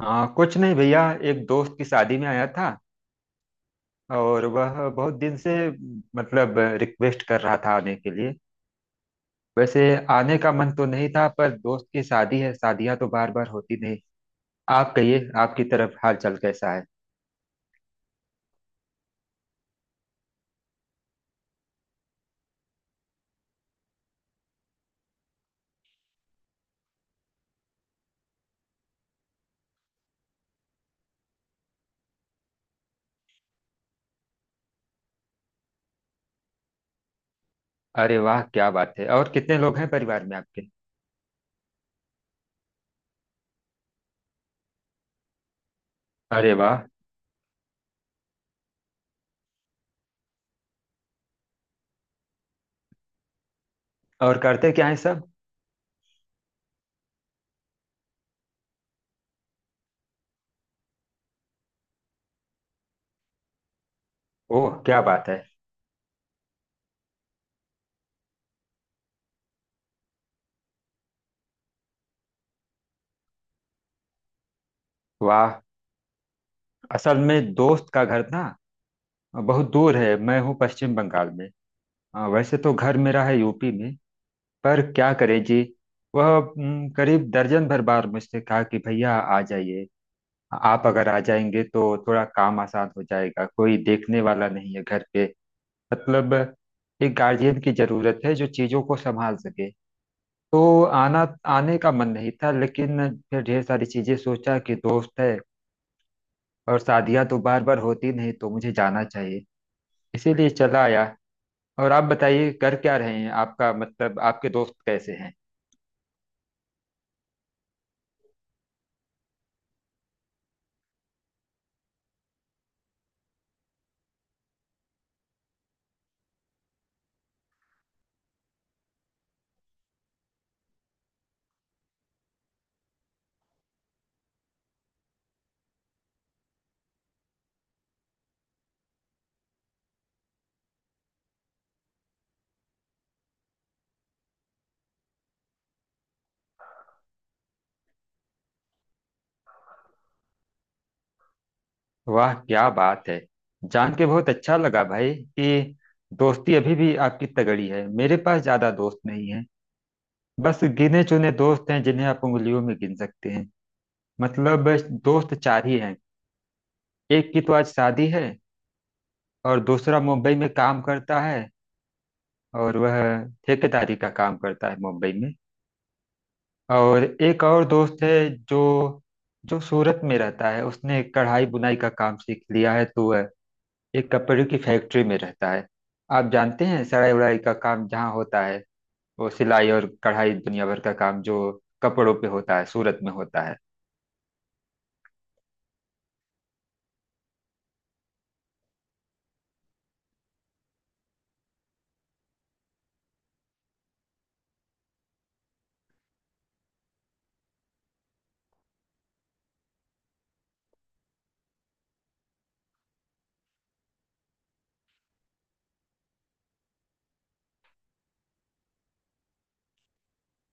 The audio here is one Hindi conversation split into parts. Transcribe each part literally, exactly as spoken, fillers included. हाँ कुछ नहीं भैया। एक दोस्त की शादी में आया था और वह बहुत दिन से मतलब रिक्वेस्ट कर रहा था आने के लिए। वैसे आने का मन तो नहीं था, पर दोस्त की शादी है, शादियां तो बार बार होती नहीं। आप कहिए, आपकी तरफ हाल चाल कैसा है? अरे वाह, क्या बात है! और कितने लोग हैं परिवार में आपके? अरे वाह! और करते क्या है सब? ओह, क्या बात है! वाह! असल में दोस्त का घर ना बहुत दूर है, मैं हूँ पश्चिम बंगाल में। हाँ, वैसे तो घर मेरा है यू पी में। पर क्या करें जी। वह हम्म, करीब दर्जन भर बार मुझसे कहा कि भैया आ जाइए, आप अगर आ जाएंगे तो थोड़ा काम आसान हो जाएगा, कोई देखने वाला नहीं है घर पे। मतलब एक गार्जियन की जरूरत है जो चीजों को संभाल सके। तो आना आने का मन नहीं था, लेकिन फिर ढेर सारी चीजें सोचा कि दोस्त है और शादियां तो बार बार होती नहीं, तो मुझे जाना चाहिए, इसीलिए चला आया। और आप बताइए कर क्या रहे हैं, आपका मतलब आपके दोस्त कैसे हैं? वाह, क्या बात है! जान के बहुत अच्छा लगा भाई कि दोस्ती अभी भी आपकी तगड़ी है। मेरे पास ज्यादा दोस्त नहीं है, बस गिने चुने दोस्त हैं जिन्हें आप उंगलियों में गिन सकते हैं। मतलब दोस्त चार ही हैं। एक की तो आज शादी है और दूसरा मुंबई में काम करता है, और वह ठेकेदारी का काम करता है मुंबई में। और एक और दोस्त है जो जो सूरत में रहता है, उसने कढ़ाई बुनाई का काम सीख लिया है तो वह एक कपड़े की फैक्ट्री में रहता है। आप जानते हैं सिलाई उड़ाई का काम जहाँ होता है, वो सिलाई और कढ़ाई, दुनिया भर का काम जो कपड़ों पे होता है, सूरत में होता है।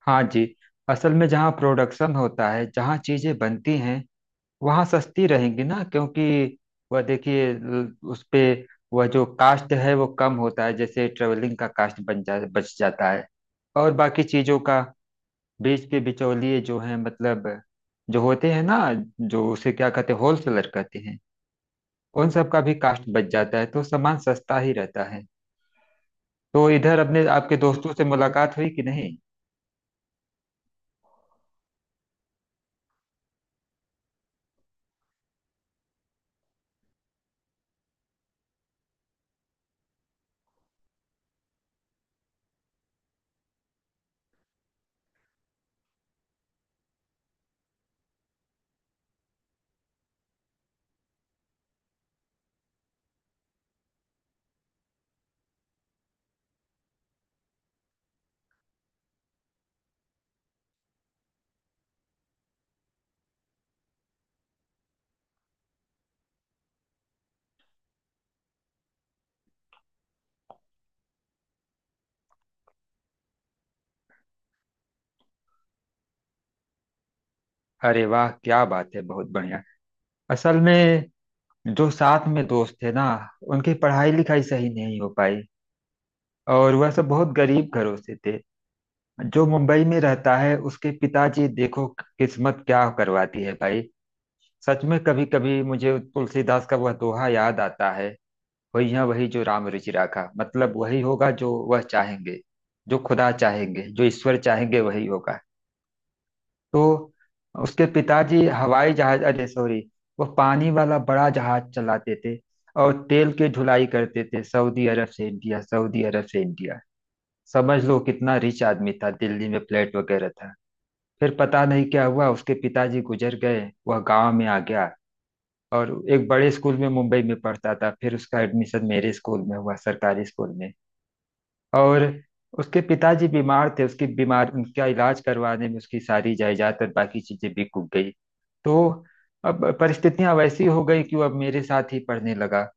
हाँ जी। असल में जहाँ प्रोडक्शन होता है, जहाँ चीजें बनती हैं, वहाँ सस्ती रहेंगी ना, क्योंकि वह देखिए ल- उस पे, वह जो कास्ट है वो कम होता है, जैसे ट्रेवलिंग का कास्ट बन जा बच जाता है। और बाकी चीजों का, बीच के बिचौलिए जो हैं, मतलब जो होते हैं ना, जो उसे क्या कहते हैं, होलसेलर कहते हैं, उन सब का भी कास्ट बच जाता है, तो सामान सस्ता ही रहता है। तो इधर अपने आपके दोस्तों से मुलाकात हुई कि नहीं? अरे वाह, क्या बात है, बहुत बढ़िया! असल में जो साथ में दोस्त थे ना, उनकी पढ़ाई लिखाई सही नहीं हो पाई और वह सब बहुत गरीब घरों से थे। जो मुंबई में रहता है उसके पिताजी, देखो किस्मत क्या करवाती है भाई। सच में कभी कभी मुझे तुलसीदास का वह दोहा याद आता है। वही है, वही जो राम रुचि राखा, मतलब वही होगा जो वह चाहेंगे, जो खुदा चाहेंगे, जो ईश्वर चाहेंगे, वही होगा। तो उसके पिताजी हवाई जहाज, अरे सॉरी, वह पानी वाला बड़ा जहाज चलाते थे और तेल की ढुलाई करते थे, सऊदी अरब से इंडिया, सऊदी अरब से इंडिया। समझ लो कितना रिच आदमी था, दिल्ली में फ्लैट वगैरह था। फिर पता नहीं क्या हुआ, उसके पिताजी गुजर गए, वह गांव में आ गया। और एक बड़े स्कूल में मुंबई में पढ़ता था, फिर उसका एडमिशन मेरे स्कूल में हुआ, सरकारी स्कूल में। और उसके पिताजी बीमार थे, उसकी बीमार उनका इलाज करवाने में उसकी सारी जायदाद और बाकी चीजें भी कूद गई। तो अब परिस्थितियां वैसी हो गई कि वो अब मेरे साथ ही पढ़ने लगा,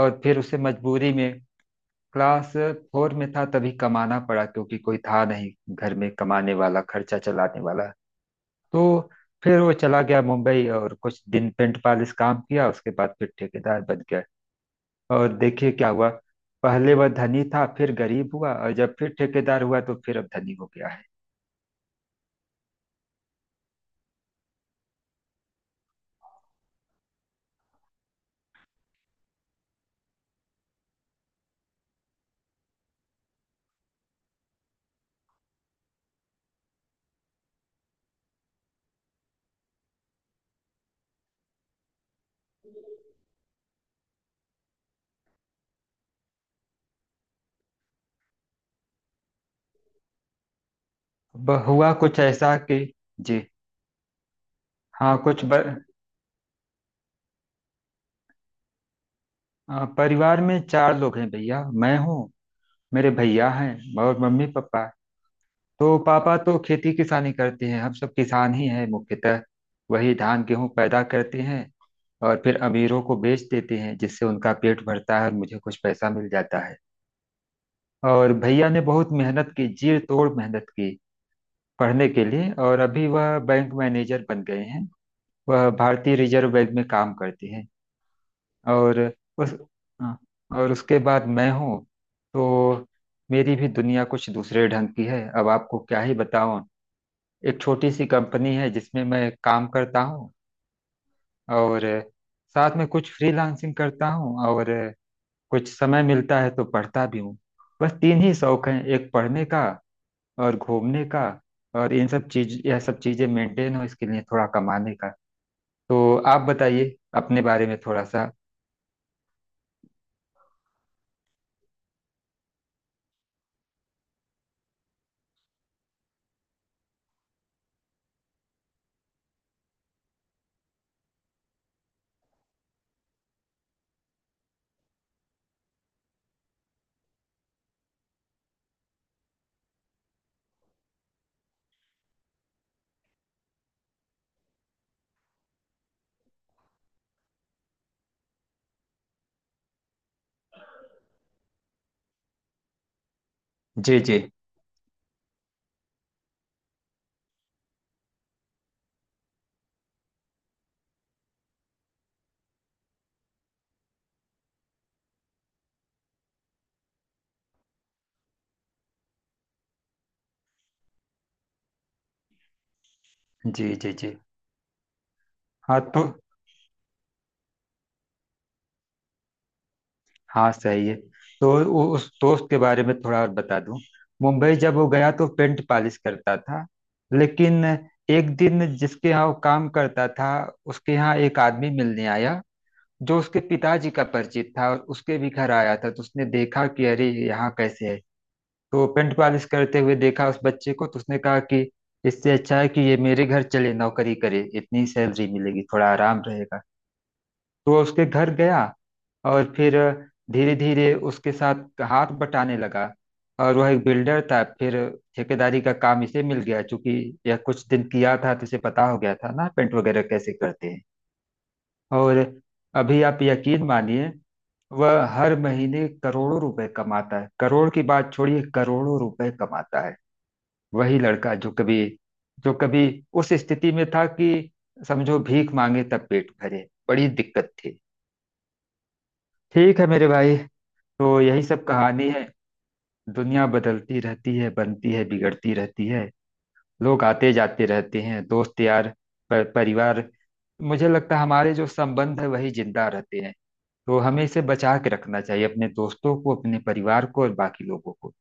और फिर उसे मजबूरी में क्लास फोर में था तभी कमाना पड़ा, क्योंकि कोई था नहीं घर में कमाने वाला, खर्चा चलाने वाला। तो फिर वो चला गया मुंबई, और कुछ दिन पेंट पालिश काम किया, उसके बाद फिर ठेकेदार बन गया। और देखिए क्या हुआ, पहले वह धनी था, फिर गरीब हुआ, और जब फिर ठेकेदार हुआ तो फिर अब धनी हो गया है। अब हुआ कुछ ऐसा कि जी हाँ, कुछ ब, अ, परिवार में चार लोग हैं भैया, मैं हूँ, मेरे भैया हैं और मम्मी पापा। तो पापा तो खेती किसानी करते हैं, हम सब किसान ही हैं मुख्यतः, वही धान गेहूं पैदा करते हैं और फिर अमीरों को बेच देते हैं, जिससे उनका पेट भरता है और मुझे कुछ पैसा मिल जाता है। और भैया ने बहुत मेहनत की, जी तोड़ मेहनत की पढ़ने के लिए, और अभी वह बैंक मैनेजर बन गए हैं, वह भारतीय रिजर्व बैंक में काम करते हैं। और उस हाँ, और उसके बाद मैं हूँ। तो मेरी भी दुनिया कुछ दूसरे ढंग की है, अब आपको क्या ही बताऊं। एक छोटी सी कंपनी है जिसमें मैं काम करता हूँ, और साथ में कुछ फ्रीलांसिंग करता हूँ, और कुछ समय मिलता है तो पढ़ता भी हूँ। बस तीन ही शौक हैं, एक पढ़ने का और घूमने का, और इन सब चीज यह सब चीजें मेंटेन हो, इसके लिए थोड़ा कमाने का। तो आप बताइए अपने बारे में थोड़ा सा। जी जी जी। जी जी। हाँ तो हाँ, सही है। तो उ- उस दोस्त के बारे में थोड़ा और बता दूं। मुंबई जब वो गया तो पेंट पॉलिश करता था, लेकिन एक दिन जिसके यहाँ वो काम करता था, उसके यहाँ एक आदमी मिलने आया, जो उसके पिताजी का परिचित था और उसके भी घर आया था, तो उसने देखा कि अरे यहाँ कैसे है। तो पेंट पॉलिश करते हुए देखा उस बच्चे को तो उसने कहा कि इससे अच्छा है कि ये मेरे घर चले, नौकरी करे, इतनी सैलरी मिलेगी, थोड़ा आराम रहेगा। तो वह उसके घर गया, और फिर धीरे धीरे उसके साथ हाथ बटाने लगा। और वह एक बिल्डर था, फिर ठेकेदारी का काम इसे मिल गया, चूंकि यह कुछ दिन किया था तो इसे पता हो गया था ना पेंट वगैरह कैसे करते हैं। और अभी आप यकीन मानिए, वह हर महीने करोड़ों रुपए कमाता है, करोड़ की बात छोड़िए, करोड़ों रुपए कमाता है। वही लड़का, जो कभी जो कभी उस स्थिति में था कि समझो भीख मांगे तब पेट भरे, बड़ी दिक्कत थी। ठीक है मेरे भाई, तो यही सब कहानी है। दुनिया बदलती रहती है, बनती है, बिगड़ती रहती है, लोग आते जाते रहते हैं, दोस्त यार, पर परिवार, मुझे लगता है हमारे जो संबंध है वही जिंदा रहते हैं। तो हमें इसे बचा के रखना चाहिए, अपने दोस्तों को, अपने परिवार को और बाकी लोगों को।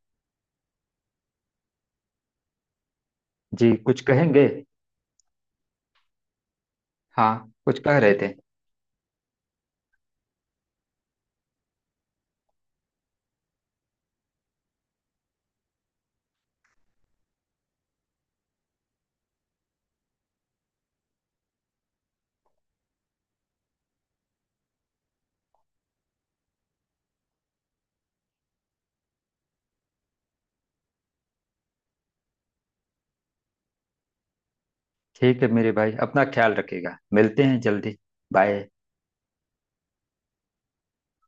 जी कुछ कहेंगे? हाँ, कुछ कह रहे थे? ठीक है मेरे भाई, अपना ख्याल रखिएगा, मिलते हैं जल्दी। बाय।